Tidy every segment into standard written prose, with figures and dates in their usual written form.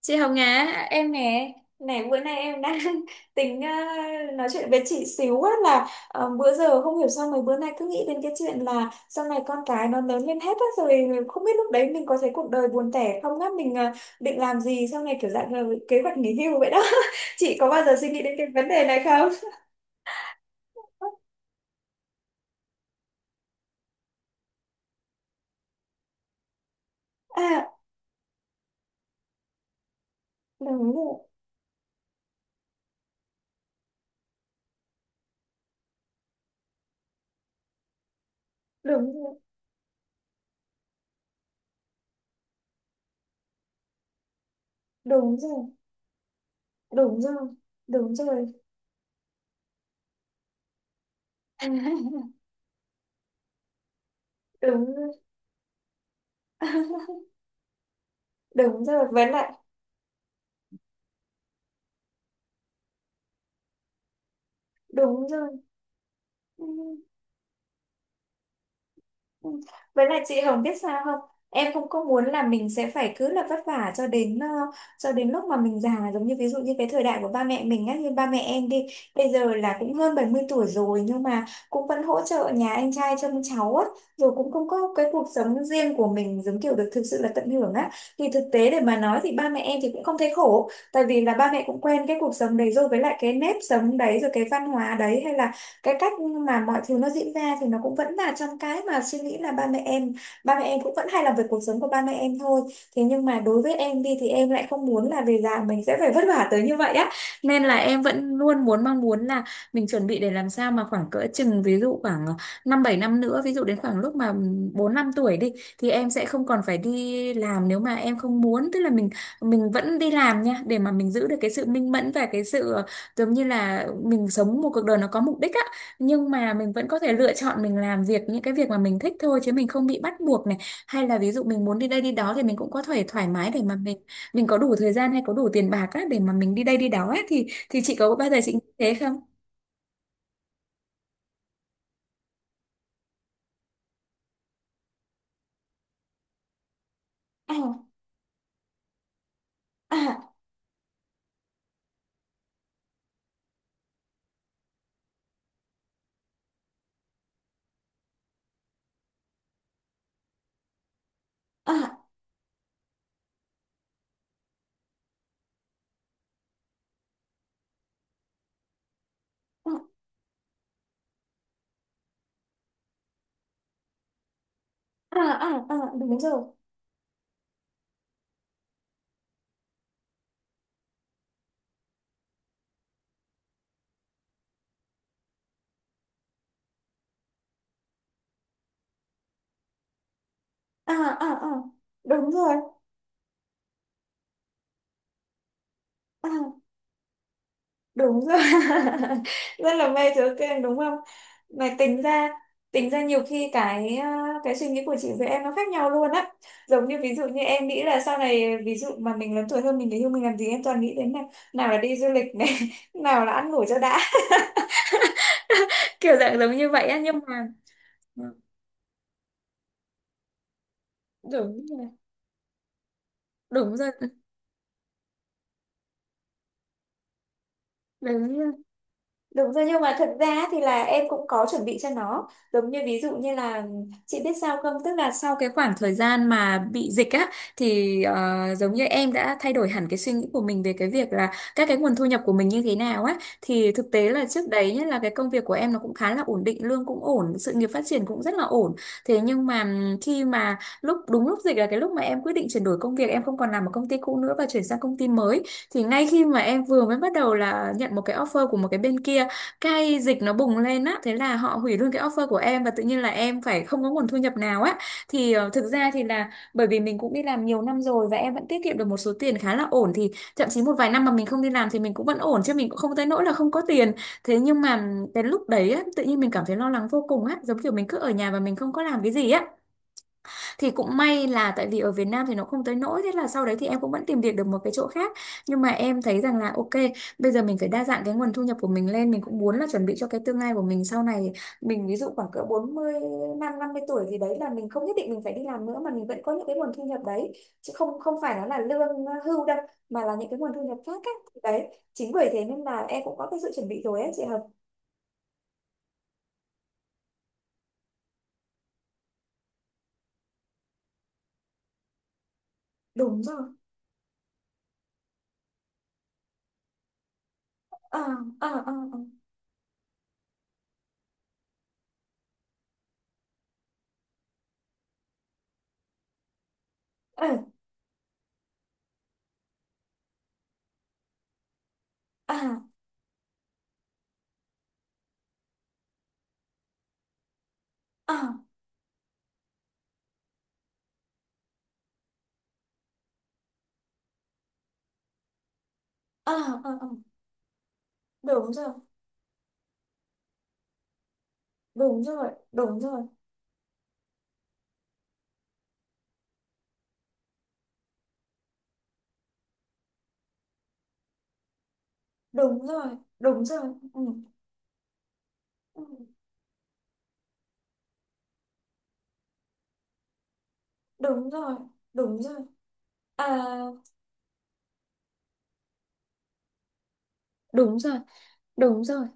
Chị Hồng Á, em nè, này bữa nay em đang tính nói chuyện với chị xíu á là bữa giờ không hiểu sao mấy bữa nay cứ nghĩ đến cái chuyện là sau này con cái nó lớn lên hết á rồi không biết lúc đấy mình có thấy cuộc đời buồn tẻ không á, mình định làm gì sau này, kiểu dạng là kế hoạch nghỉ hưu vậy đó. Chị có bao giờ suy nghĩ đến cái vấn đề này không? À, đúng rồi, đúng rồi, đúng rồi, đúng rồi, đúng rồi, đúng rồi, đúng rồi, với lại đúng rồi. Ừ. Ừ. Với lại chị Hồng biết sao không? Em không có muốn là mình sẽ phải cứ là vất vả cho đến cho đến lúc mà mình già, giống như ví dụ như cái thời đại của ba mẹ mình á, như ba mẹ em đi bây giờ là cũng hơn 70 tuổi rồi nhưng mà cũng vẫn hỗ trợ nhà anh trai trông cháu á, rồi cũng không có cái cuộc sống riêng của mình giống kiểu được thực sự là tận hưởng á. Thì thực tế để mà nói thì ba mẹ em thì cũng không thấy khổ, tại vì là ba mẹ cũng quen cái cuộc sống đấy rồi, với lại cái nếp sống đấy rồi, cái văn hóa đấy hay là cái cách mà mọi thứ nó diễn ra thì nó cũng vẫn là trong cái mà suy nghĩ là ba mẹ em cũng vẫn hay làm về cuộc sống của ba mẹ em thôi. Thế nhưng mà đối với em đi thì em lại không muốn là về già mình sẽ phải vất vả tới như vậy á, nên là em vẫn luôn muốn mong muốn là mình chuẩn bị để làm sao mà khoảng cỡ chừng ví dụ khoảng 5-7 năm nữa, ví dụ đến khoảng lúc mà bốn năm tuổi đi thì em sẽ không còn phải đi làm nếu mà em không muốn, tức là mình vẫn đi làm nha để mà mình giữ được cái sự minh mẫn và cái sự giống như là mình sống một cuộc đời nó có mục đích á, nhưng mà mình vẫn có thể lựa chọn mình làm việc những cái việc mà mình thích thôi chứ mình không bị bắt buộc này, hay là ví dụ mình muốn đi đây đi đó thì mình cũng có thể thoải mái để mà mình có đủ thời gian hay có đủ tiền bạc á để mà mình đi đây đi đó ấy. Thì chị có bao giờ chị nghĩ thế không? À, à, à, à, à, à, à, đúng rồi. À, à, à, đúng rồi. À, đúng rồi. Rất là mê chữ kênh, đúng không? Mà tính ra, tính ra nhiều khi cái cái suy nghĩ của chị với em nó khác nhau luôn á, giống như ví dụ như em nghĩ là sau này ví dụ mà mình lớn tuổi hơn mình để yêu mình làm gì em toàn nghĩ đến này, nào là đi du lịch này, nào là ăn ngủ cho đã, kiểu dạng giống như vậy á, nhưng mà đúng rồi, đúng rồi, đúng. Đúng rồi, nhưng mà thật ra thì là em cũng có chuẩn bị cho nó, giống như ví dụ như là chị biết sao không, tức là sau cái khoảng thời gian mà bị dịch á thì giống như em đã thay đổi hẳn cái suy nghĩ của mình về cái việc là các cái nguồn thu nhập của mình như thế nào á. Thì thực tế là trước đấy, nhất là cái công việc của em nó cũng khá là ổn định, lương cũng ổn, sự nghiệp phát triển cũng rất là ổn, thế nhưng mà khi mà lúc đúng lúc dịch là cái lúc mà em quyết định chuyển đổi công việc, em không còn làm ở công ty cũ nữa và chuyển sang công ty mới, thì ngay khi mà em vừa mới bắt đầu là nhận một cái offer của một cái bên kia, cái dịch nó bùng lên á, thế là họ hủy luôn cái offer của em và tự nhiên là em phải không có nguồn thu nhập nào á. Thì thực ra thì là bởi vì mình cũng đi làm nhiều năm rồi và em vẫn tiết kiệm được một số tiền khá là ổn, thì thậm chí một vài năm mà mình không đi làm thì mình cũng vẫn ổn chứ mình cũng không tới nỗi là không có tiền. Thế nhưng mà cái lúc đấy á tự nhiên mình cảm thấy lo lắng vô cùng á, giống kiểu mình cứ ở nhà và mình không có làm cái gì á, thì cũng may là tại vì ở Việt Nam thì nó không tới nỗi, thế là sau đấy thì em cũng vẫn tìm việc được một cái chỗ khác. Nhưng mà em thấy rằng là ok, bây giờ mình phải đa dạng cái nguồn thu nhập của mình lên, mình cũng muốn là chuẩn bị cho cái tương lai của mình sau này, mình ví dụ khoảng cỡ 40, 50 tuổi thì đấy là mình không nhất định mình phải đi làm nữa mà mình vẫn có những cái nguồn thu nhập đấy, chứ không không phải nó là lương hưu đâu, mà là những cái nguồn thu nhập khác ấy. Đấy, chính bởi thế nên là em cũng có cái sự chuẩn bị rồi ấy chị Hợp. Đúng rồi. À, à, à, à, à, à, à, à, à. Đúng rồi, đúng rồi, đúng rồi, đúng rồi, đúng rồi. Ừ. Ừ, đúng rồi, đúng rồi. À, đúng rồi, đúng rồi.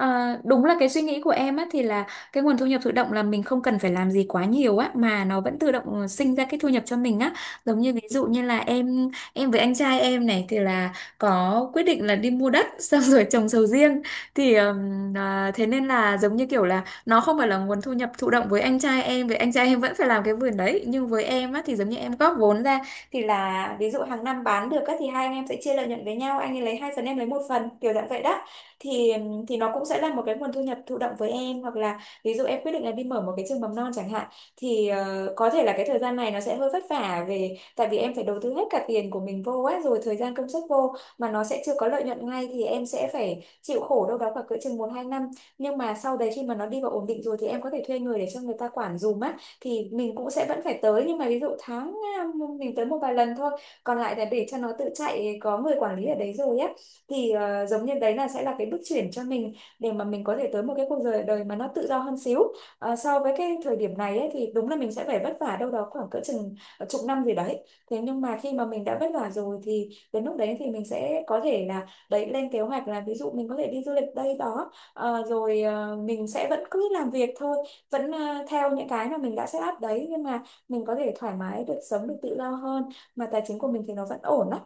Ờ, đúng là cái suy nghĩ của em á thì là cái nguồn thu nhập thụ động là mình không cần phải làm gì quá nhiều á mà nó vẫn tự động sinh ra cái thu nhập cho mình á, giống như ví dụ như là em với anh trai em này thì là có quyết định là đi mua đất xong rồi trồng sầu riêng. Thì thế nên là giống như kiểu là nó không phải là nguồn thu nhập thụ động, với anh trai em vẫn phải làm cái vườn đấy, nhưng với em á thì giống như em góp vốn ra, thì là ví dụ hàng năm bán được á thì hai anh em sẽ chia lợi nhuận với nhau, anh ấy lấy hai phần em lấy một phần kiểu dạng vậy đó. Thì thì nó cũng sẽ là một cái nguồn thu nhập thụ động với em, hoặc là ví dụ em quyết định là đi mở một cái trường mầm non chẳng hạn, thì có thể là cái thời gian này nó sẽ hơi vất vả về, tại vì em phải đầu tư hết cả tiền của mình vô á rồi thời gian công sức vô mà nó sẽ chưa có lợi nhuận ngay, thì em sẽ phải chịu khổ đâu đó khoảng cỡ chừng 1-2 năm, nhưng mà sau đấy khi mà nó đi vào ổn định rồi thì em có thể thuê người để cho người ta quản dùm á, thì mình cũng sẽ vẫn phải tới nhưng mà ví dụ tháng mình tới một vài lần thôi, còn lại là để cho nó tự chạy có người quản lý ở đấy rồi á. Thì giống như đấy là sẽ là cái bước chuyển cho mình, để mà mình có thể tới một cái cuộc đời đời mà nó tự do hơn xíu. Ờ, so với cái thời điểm này ấy, thì đúng là mình sẽ phải vất vả đâu đó khoảng cỡ chừng chục năm gì đấy, thế nhưng mà khi mà mình đã vất vả rồi thì đến lúc đấy thì mình sẽ có thể là đấy lên kế hoạch, là ví dụ mình có thể đi du lịch đây đó. Ờ, rồi mình sẽ vẫn cứ làm việc thôi, vẫn theo những cái mà mình đã set up đấy, nhưng mà mình có thể thoải mái được, sống được tự do hơn, mà tài chính của mình thì nó vẫn ổn đó.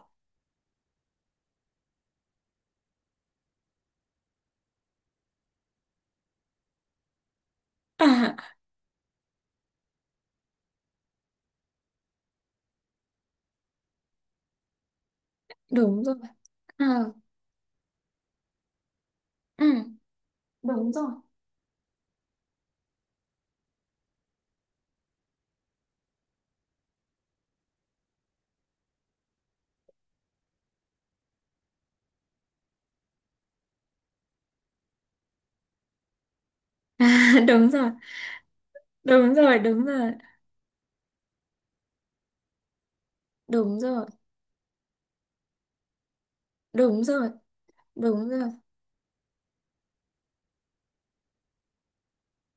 À, đúng rồi. À, ừ, đúng rồi. Đúng rồi, đúng rồi, đúng rồi, đúng rồi, đúng rồi, đúng rồi.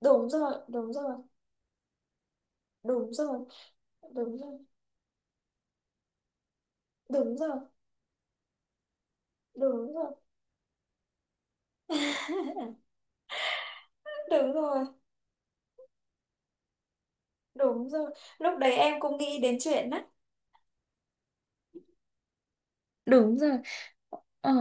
Đúng rồi, đúng rồi, đúng rồi, đúng rồi, đúng rồi, đúng rồi. Đúng rồi, đúng rồi. Lúc đấy em cũng nghĩ đến chuyện đó. Đúng rồi. Ờ.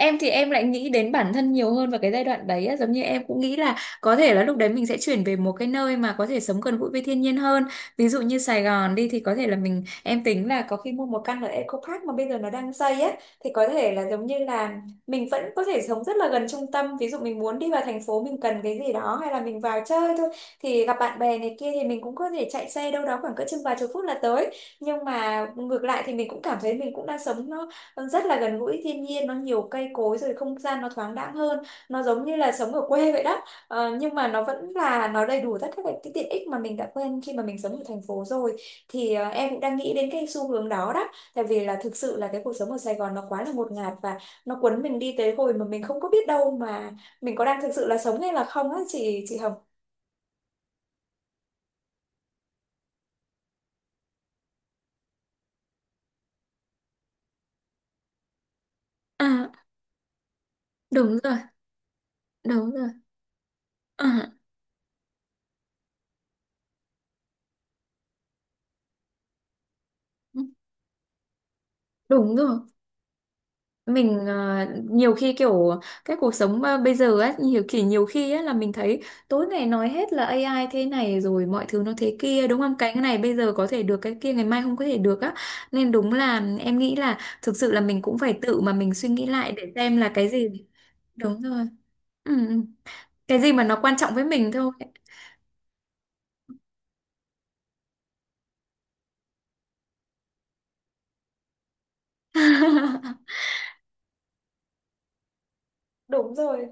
Em thì em lại nghĩ đến bản thân nhiều hơn vào cái giai đoạn đấy á. Giống như em cũng nghĩ là có thể là lúc đấy mình sẽ chuyển về một cái nơi mà có thể sống gần gũi với thiên nhiên hơn. Ví dụ như Sài Gòn đi thì có thể là em tính là có khi mua một căn ở Eco Park mà bây giờ nó đang xây á, thì có thể là giống như là mình vẫn có thể sống rất là gần trung tâm. Ví dụ mình muốn đi vào thành phố, mình cần cái gì đó hay là mình vào chơi thôi thì gặp bạn bè này kia, thì mình cũng có thể chạy xe đâu đó khoảng cỡ chừng vài chục phút là tới. Nhưng mà ngược lại thì mình cũng cảm thấy mình cũng đang sống nó rất là gần gũi thiên nhiên, nó nhiều cây cối, rồi không gian nó thoáng đãng hơn, nó giống như là sống ở quê vậy đó. Ờ, nhưng mà nó vẫn là nó đầy đủ tất cả các cái tiện ích mà mình đã quen khi mà mình sống ở thành phố rồi, thì em cũng đang nghĩ đến cái xu hướng đó đó, tại vì là thực sự là cái cuộc sống ở Sài Gòn nó quá là ngột ngạt và nó cuốn mình đi tới hồi mà mình không có biết đâu mà mình có đang thực sự là sống hay là không á chị Hồng. À, đúng rồi, đúng rồi. À, đúng rồi. Mình nhiều khi kiểu cái cuộc sống bây giờ ấy, nhiều khi ấy là mình thấy tối ngày nói hết là AI thế này rồi mọi thứ nó thế kia, đúng không? Cái này bây giờ có thể được, cái kia ngày mai không có thể được á, nên đúng là em nghĩ là thực sự là mình cũng phải tự mà mình suy nghĩ lại để xem là cái gì. Đúng rồi. Ừ, ừ. Cái gì mà nó quan trọng với mình thôi. Đúng rồi.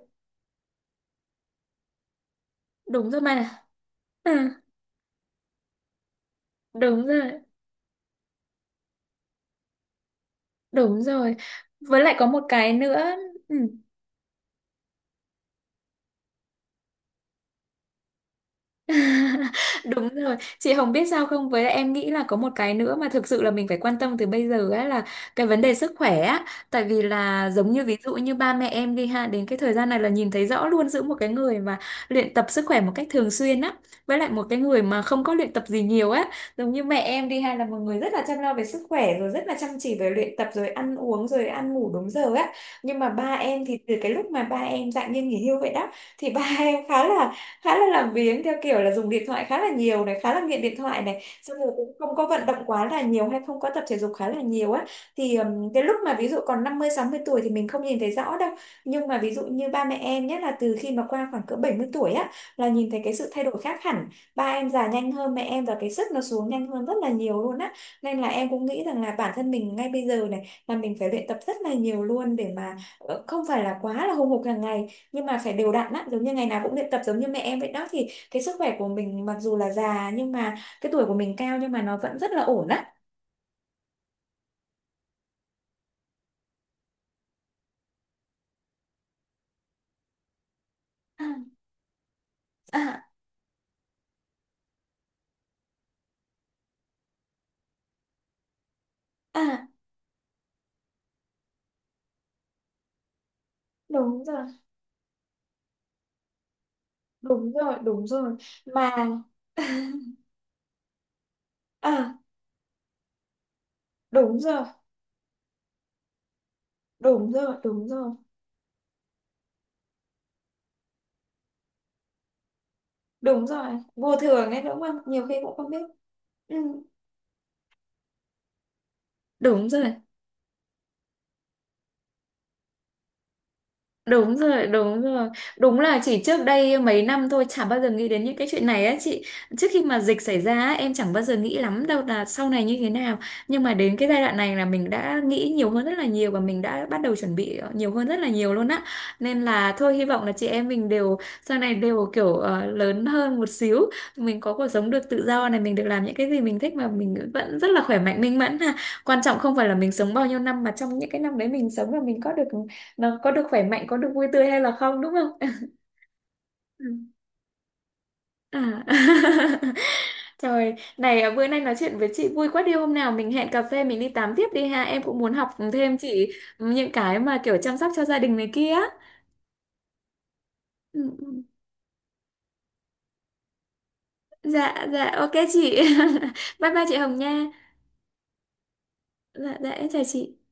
Đúng rồi mà. Ừ, đúng rồi, đúng rồi, với lại có một cái nữa. Ừ. Đúng rồi, chị Hồng biết sao không? Với lại em nghĩ là có một cái nữa mà thực sự là mình phải quan tâm từ bây giờ ấy, là cái vấn đề sức khỏe á. Tại vì là giống như ví dụ như ba mẹ em đi ha, đến cái thời gian này là nhìn thấy rõ luôn giữa một cái người mà luyện tập sức khỏe một cách thường xuyên á, với lại một cái người mà không có luyện tập gì nhiều á. Giống như mẹ em đi ha, là một người rất là chăm lo về sức khỏe, rồi rất là chăm chỉ về luyện tập, rồi ăn uống, rồi ăn ngủ đúng giờ á. Nhưng mà ba em thì từ cái lúc mà ba em dạng như nghỉ hưu vậy đó, thì ba em khá là làm biếng, theo kiểu là dùng điện thoại khá là nhiều này, khá là nghiện điện thoại này, xong rồi cũng không có vận động quá là nhiều hay không có tập thể dục khá là nhiều á, thì cái lúc mà ví dụ còn 50 60 tuổi thì mình không nhìn thấy rõ đâu, nhưng mà ví dụ như ba mẹ em, nhất là từ khi mà qua khoảng cỡ 70 tuổi á, là nhìn thấy cái sự thay đổi khác hẳn. Ba em già nhanh hơn mẹ em và cái sức nó xuống nhanh hơn rất là nhiều luôn á, nên là em cũng nghĩ rằng là bản thân mình ngay bây giờ này là mình phải luyện tập rất là nhiều luôn, để mà không phải là quá là hùng hục hàng ngày, nhưng mà phải đều đặn á, giống như ngày nào cũng luyện tập giống như mẹ em vậy đó, thì cái sức khỏe của mình mặc dù là già nhưng mà cái tuổi của mình cao, nhưng mà nó vẫn rất là ổn á. À, à, à, đúng rồi, đúng rồi, đúng rồi mà. À, đúng rồi, đúng rồi, đúng rồi, đúng rồi vô thường ấy, đúng không, nhiều khi cũng không biết. Ừ, đúng rồi. Đúng rồi, đúng rồi. Đúng là chỉ trước đây mấy năm thôi chả bao giờ nghĩ đến những cái chuyện này á chị. Trước khi mà dịch xảy ra á, em chẳng bao giờ nghĩ lắm đâu là sau này như thế nào. Nhưng mà đến cái giai đoạn này là mình đã nghĩ nhiều hơn rất là nhiều, và mình đã bắt đầu chuẩn bị nhiều hơn rất là nhiều luôn á. Nên là thôi, hy vọng là chị em mình đều sau này đều kiểu lớn hơn một xíu, mình có cuộc sống được tự do này, mình được làm những cái gì mình thích mà mình vẫn rất là khỏe mạnh minh mẫn ha. Quan trọng không phải là mình sống bao nhiêu năm, mà trong những cái năm đấy mình sống là mình có được, nó có được khỏe mạnh, có được vui tươi hay là không, đúng không? Ừ. À. Trời, này à, bữa nay nói chuyện với chị vui quá đi, hôm nào mình hẹn cà phê mình đi tám tiếp đi ha, em cũng muốn học thêm chị những cái mà kiểu chăm sóc cho gia đình này kia. Ừ, ừ. Dạ dạ, ok chị. Bye bye chị Hồng nha. Dạ dạ, em chào chị.